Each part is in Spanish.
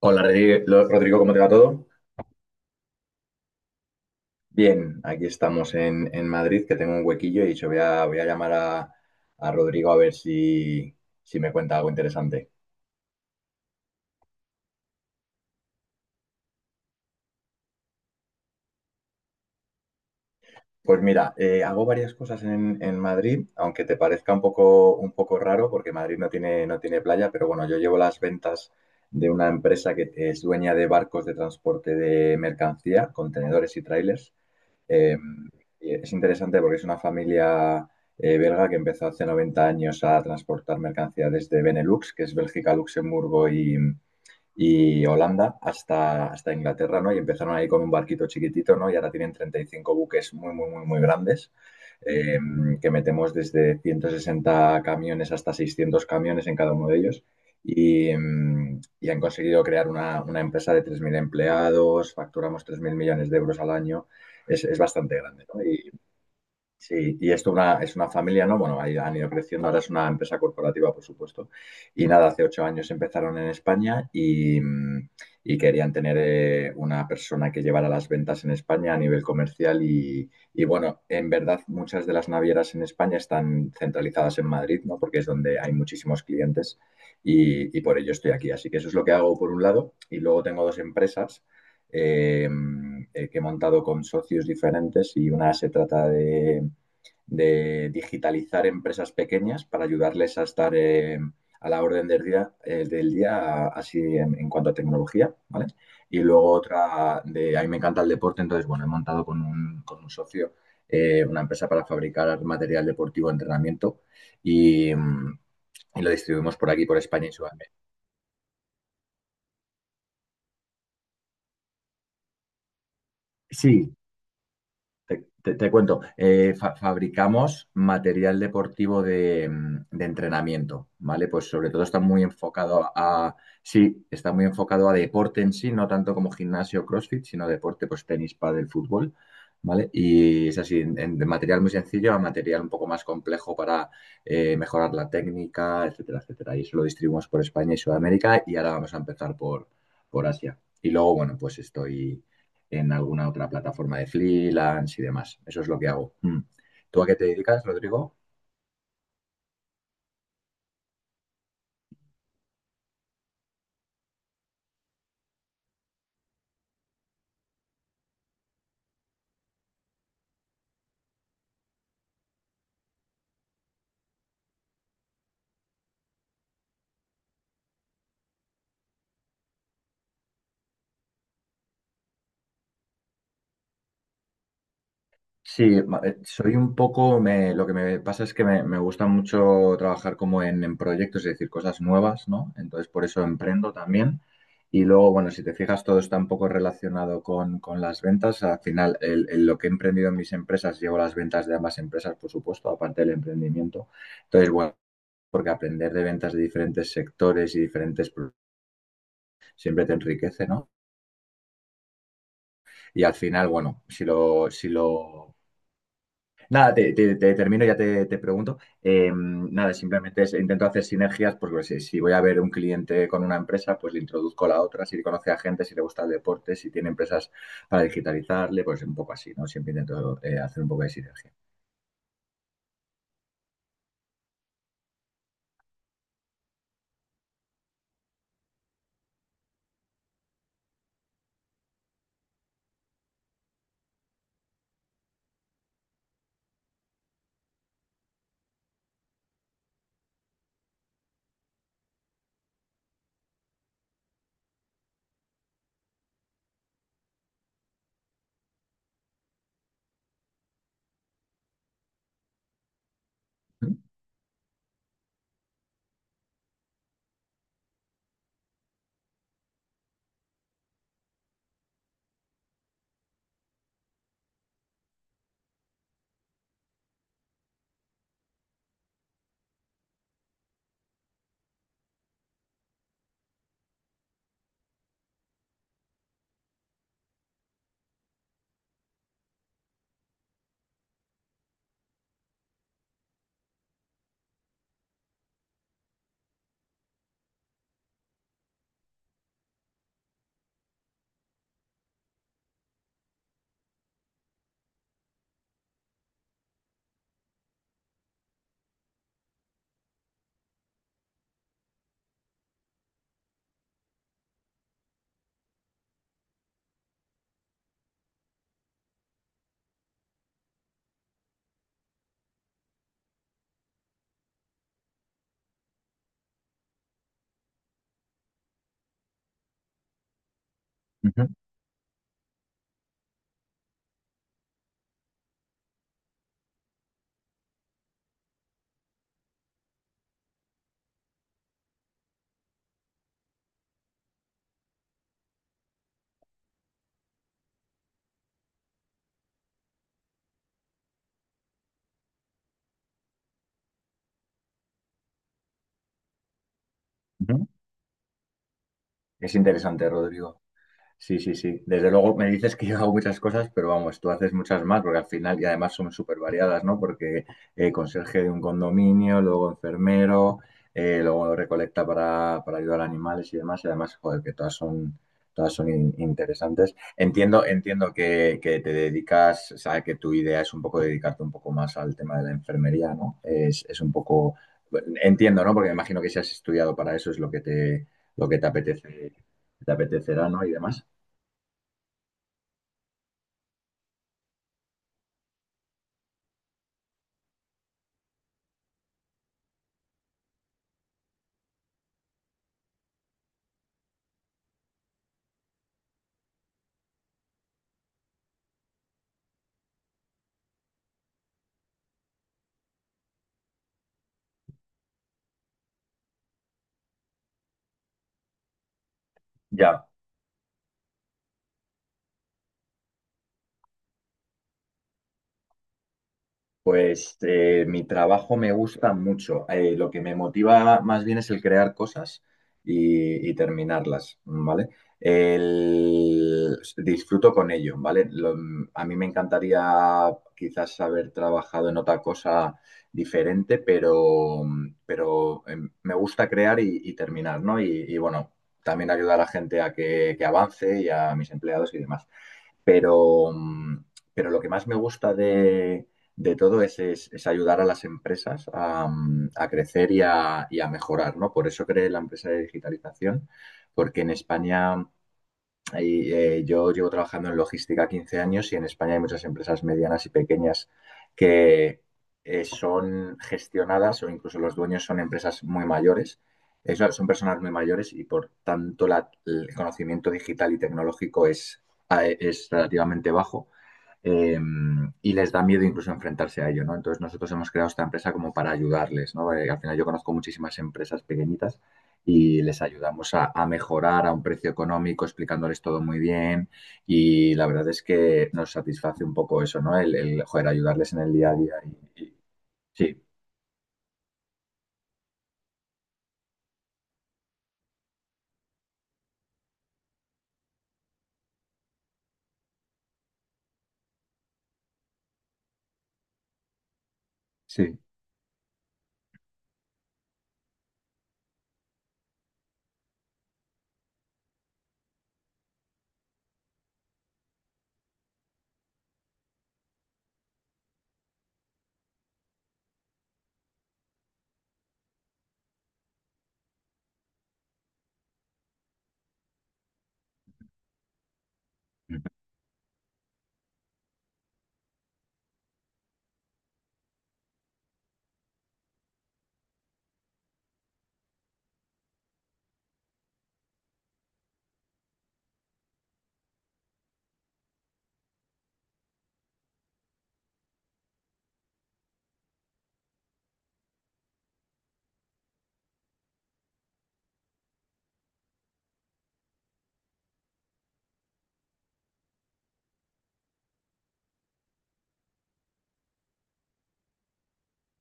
Hola Rodrigo, ¿cómo te va todo? Bien, aquí estamos en Madrid, que tengo un huequillo y he dicho, voy a llamar a Rodrigo a ver si me cuenta algo interesante. Pues mira, hago varias cosas en Madrid, aunque te parezca un poco raro, porque Madrid no tiene playa, pero bueno, yo llevo las ventas de una empresa que es dueña de barcos de transporte de mercancía, contenedores y trailers. Eh, es interesante porque es una familia belga que empezó hace 90 años a transportar mercancías desde Benelux, que es Bélgica, Luxemburgo y Holanda hasta Inglaterra, ¿no? Y empezaron ahí con un barquito chiquitito, ¿no? Y ahora tienen 35 buques muy, muy, muy, muy grandes, eh, que metemos desde 160 camiones hasta 600 camiones en cada uno de ellos. Y han conseguido crear una empresa de 3.000 empleados, facturamos 3.000 millones de euros al año, es bastante grande, ¿no? Sí, y es una familia, ¿no? Bueno, ahí han ido creciendo, ahora es una empresa corporativa, por supuesto. Y nada, hace 8 años empezaron en España y querían tener una persona que llevara las ventas en España a nivel comercial bueno, en verdad muchas de las navieras en España están centralizadas en Madrid, ¿no? Porque es donde hay muchísimos clientes y por ello estoy aquí. Así que eso es lo que hago por un lado y luego tengo dos empresas eh, que he montado con socios diferentes y una se trata de digitalizar empresas pequeñas para ayudarles a estar a la orden del día, del día así en cuanto a tecnología, ¿vale? Y luego otra de, a mí me encanta el deporte, entonces, bueno, he montado con con un socio una empresa para fabricar material deportivo de entrenamiento y, mm, y lo distribuimos por aquí, por España y Sudamérica. Sí, te cuento, fabricamos material deportivo de entrenamiento, ¿vale? Pues sobre todo está muy enfocado a, sí, está muy enfocado a deporte en sí, no tanto como gimnasio o CrossFit, sino deporte, pues tenis, pádel, fútbol, ¿vale? Y es así, de material muy sencillo a material un poco más complejo para mejorar la técnica, etcétera, etcétera. Y eso lo distribuimos por España y Sudamérica y ahora vamos a empezar por Asia. Y luego, bueno, pues estoy en alguna otra plataforma de freelance y demás. Eso es lo que hago. Mm. ¿Tú a qué te dedicas, Rodrigo? Sí, soy un poco, lo que me pasa es que me gusta mucho trabajar como en proyectos, es decir, cosas nuevas, ¿no? Entonces por eso emprendo también. Y luego, bueno, si te fijas, todo está un poco relacionado con las ventas. Al final, lo que he emprendido en mis empresas, llevo las ventas de ambas empresas, por supuesto, aparte del emprendimiento. Entonces, bueno, porque aprender de ventas de diferentes sectores y diferentes, siempre te enriquece, ¿no? Y al final, bueno, si lo... Nada, te termino, ya te pregunto. Nada, simplemente intento hacer sinergias porque si, si voy a ver un cliente con una empresa, pues le introduzco a la otra, si conoce a gente, si le gusta el deporte, si tiene empresas para digitalizarle, pues un poco así, ¿no? Siempre intento hacer un poco de sinergia. Ujú, ujú, ujú. Es interesante, Rodrigo. Sí, sí, sí. Desde luego me dices que yo hago muchas cosas, pero vamos, tú haces muchas más, porque al final, y además son súper variadas, ¿no? Porque conserje de un condominio, luego enfermero, luego recolecta para ayudar a animales y demás, y además, joder, que todas son interesantes. Entiendo, entiendo que te dedicas, o sea, que tu idea es un poco dedicarte un poco más al tema de la enfermería, ¿no? Es un poco, entiendo, ¿no? Porque me imagino que si has estudiado para eso es lo que te apetece, te apetecerá, ¿no? Y demás. Ya, pues mi trabajo me gusta mucho. Lo que me motiva más bien es el crear cosas y terminarlas, ¿vale? Disfruto con ello, ¿vale? A mí me encantaría quizás haber trabajado en otra cosa diferente, pero, pero eh, me gusta crear y terminar, ¿no? Bueno, también ayudar a la gente a que avance y a mis empleados y demás. Pero, mm, pero lo que más me gusta de todo es, es ayudar a las empresas a crecer y a mejorar, ¿no? Por eso creé la empresa de digitalización, porque en España yo llevo trabajando en logística 15 años y en España hay muchas empresas medianas y pequeñas que son gestionadas o incluso los dueños son empresas muy mayores. Son son personas muy mayores y por tanto el conocimiento digital y tecnológico es, es relativamente bajo eh, y les da miedo incluso enfrentarse a ello, ¿no? Entonces nosotros hemos creado esta empresa como para ayudarles, ¿no? Al final yo conozco muchísimas empresas pequeñitas y les ayudamos a mejorar a un precio económico, explicándoles todo muy bien. Y la verdad es que nos satisface un poco eso, ¿no? Joder, ayudarles en el día a día. y- y- sí, sí.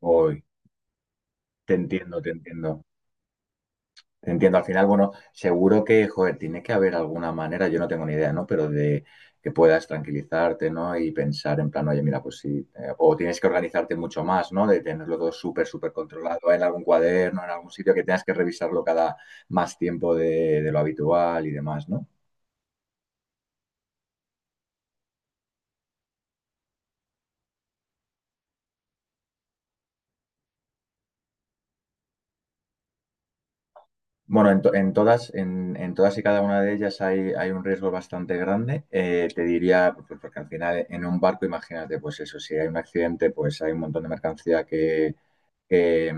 Uy, te entiendo, te entiendo. Entiendo, al final, bueno, seguro que, joder, tiene que haber alguna manera, yo no tengo ni idea, ¿no? Pero de que puedas tranquilizarte, ¿no? Y pensar en plan, oye, mira, pues sí, o tienes que organizarte mucho más, ¿no? De tenerlo todo súper, súper controlado en algún cuaderno, en algún sitio que tengas que revisarlo cada más tiempo de lo habitual y demás, ¿no? Bueno, en todas, en todas y cada una de ellas hay, hay un riesgo bastante grande. Te diría, pues, porque al final en un barco, imagínate, pues eso, si hay un accidente, pues hay un montón de mercancía que eh,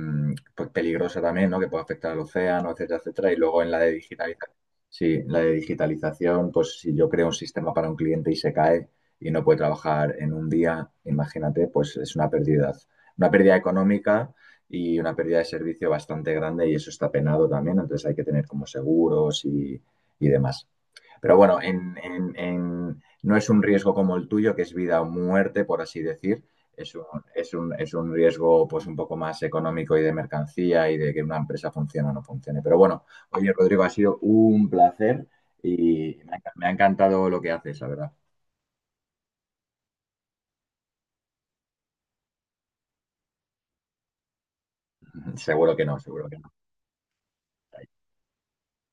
pues peligrosa también, ¿no? Que puede afectar al océano, etcétera, etcétera. Y luego en la de digitalización, sí, la de digitalización, pues si yo creo un sistema para un cliente y se cae y no puede trabajar en un día, imagínate, pues es una pérdida económica y una pérdida de servicio bastante grande y eso está penado también, entonces hay que tener como seguros y demás. Pero bueno, no es un riesgo como el tuyo, que es vida o muerte, por así decir. Es un, es un riesgo pues un poco más económico y de mercancía y de que una empresa funcione o no funcione. Pero bueno, oye, Rodrigo, ha sido un placer y me ha encantado lo que haces, la verdad. Seguro que no, seguro que no.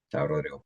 Chao, Rodrigo.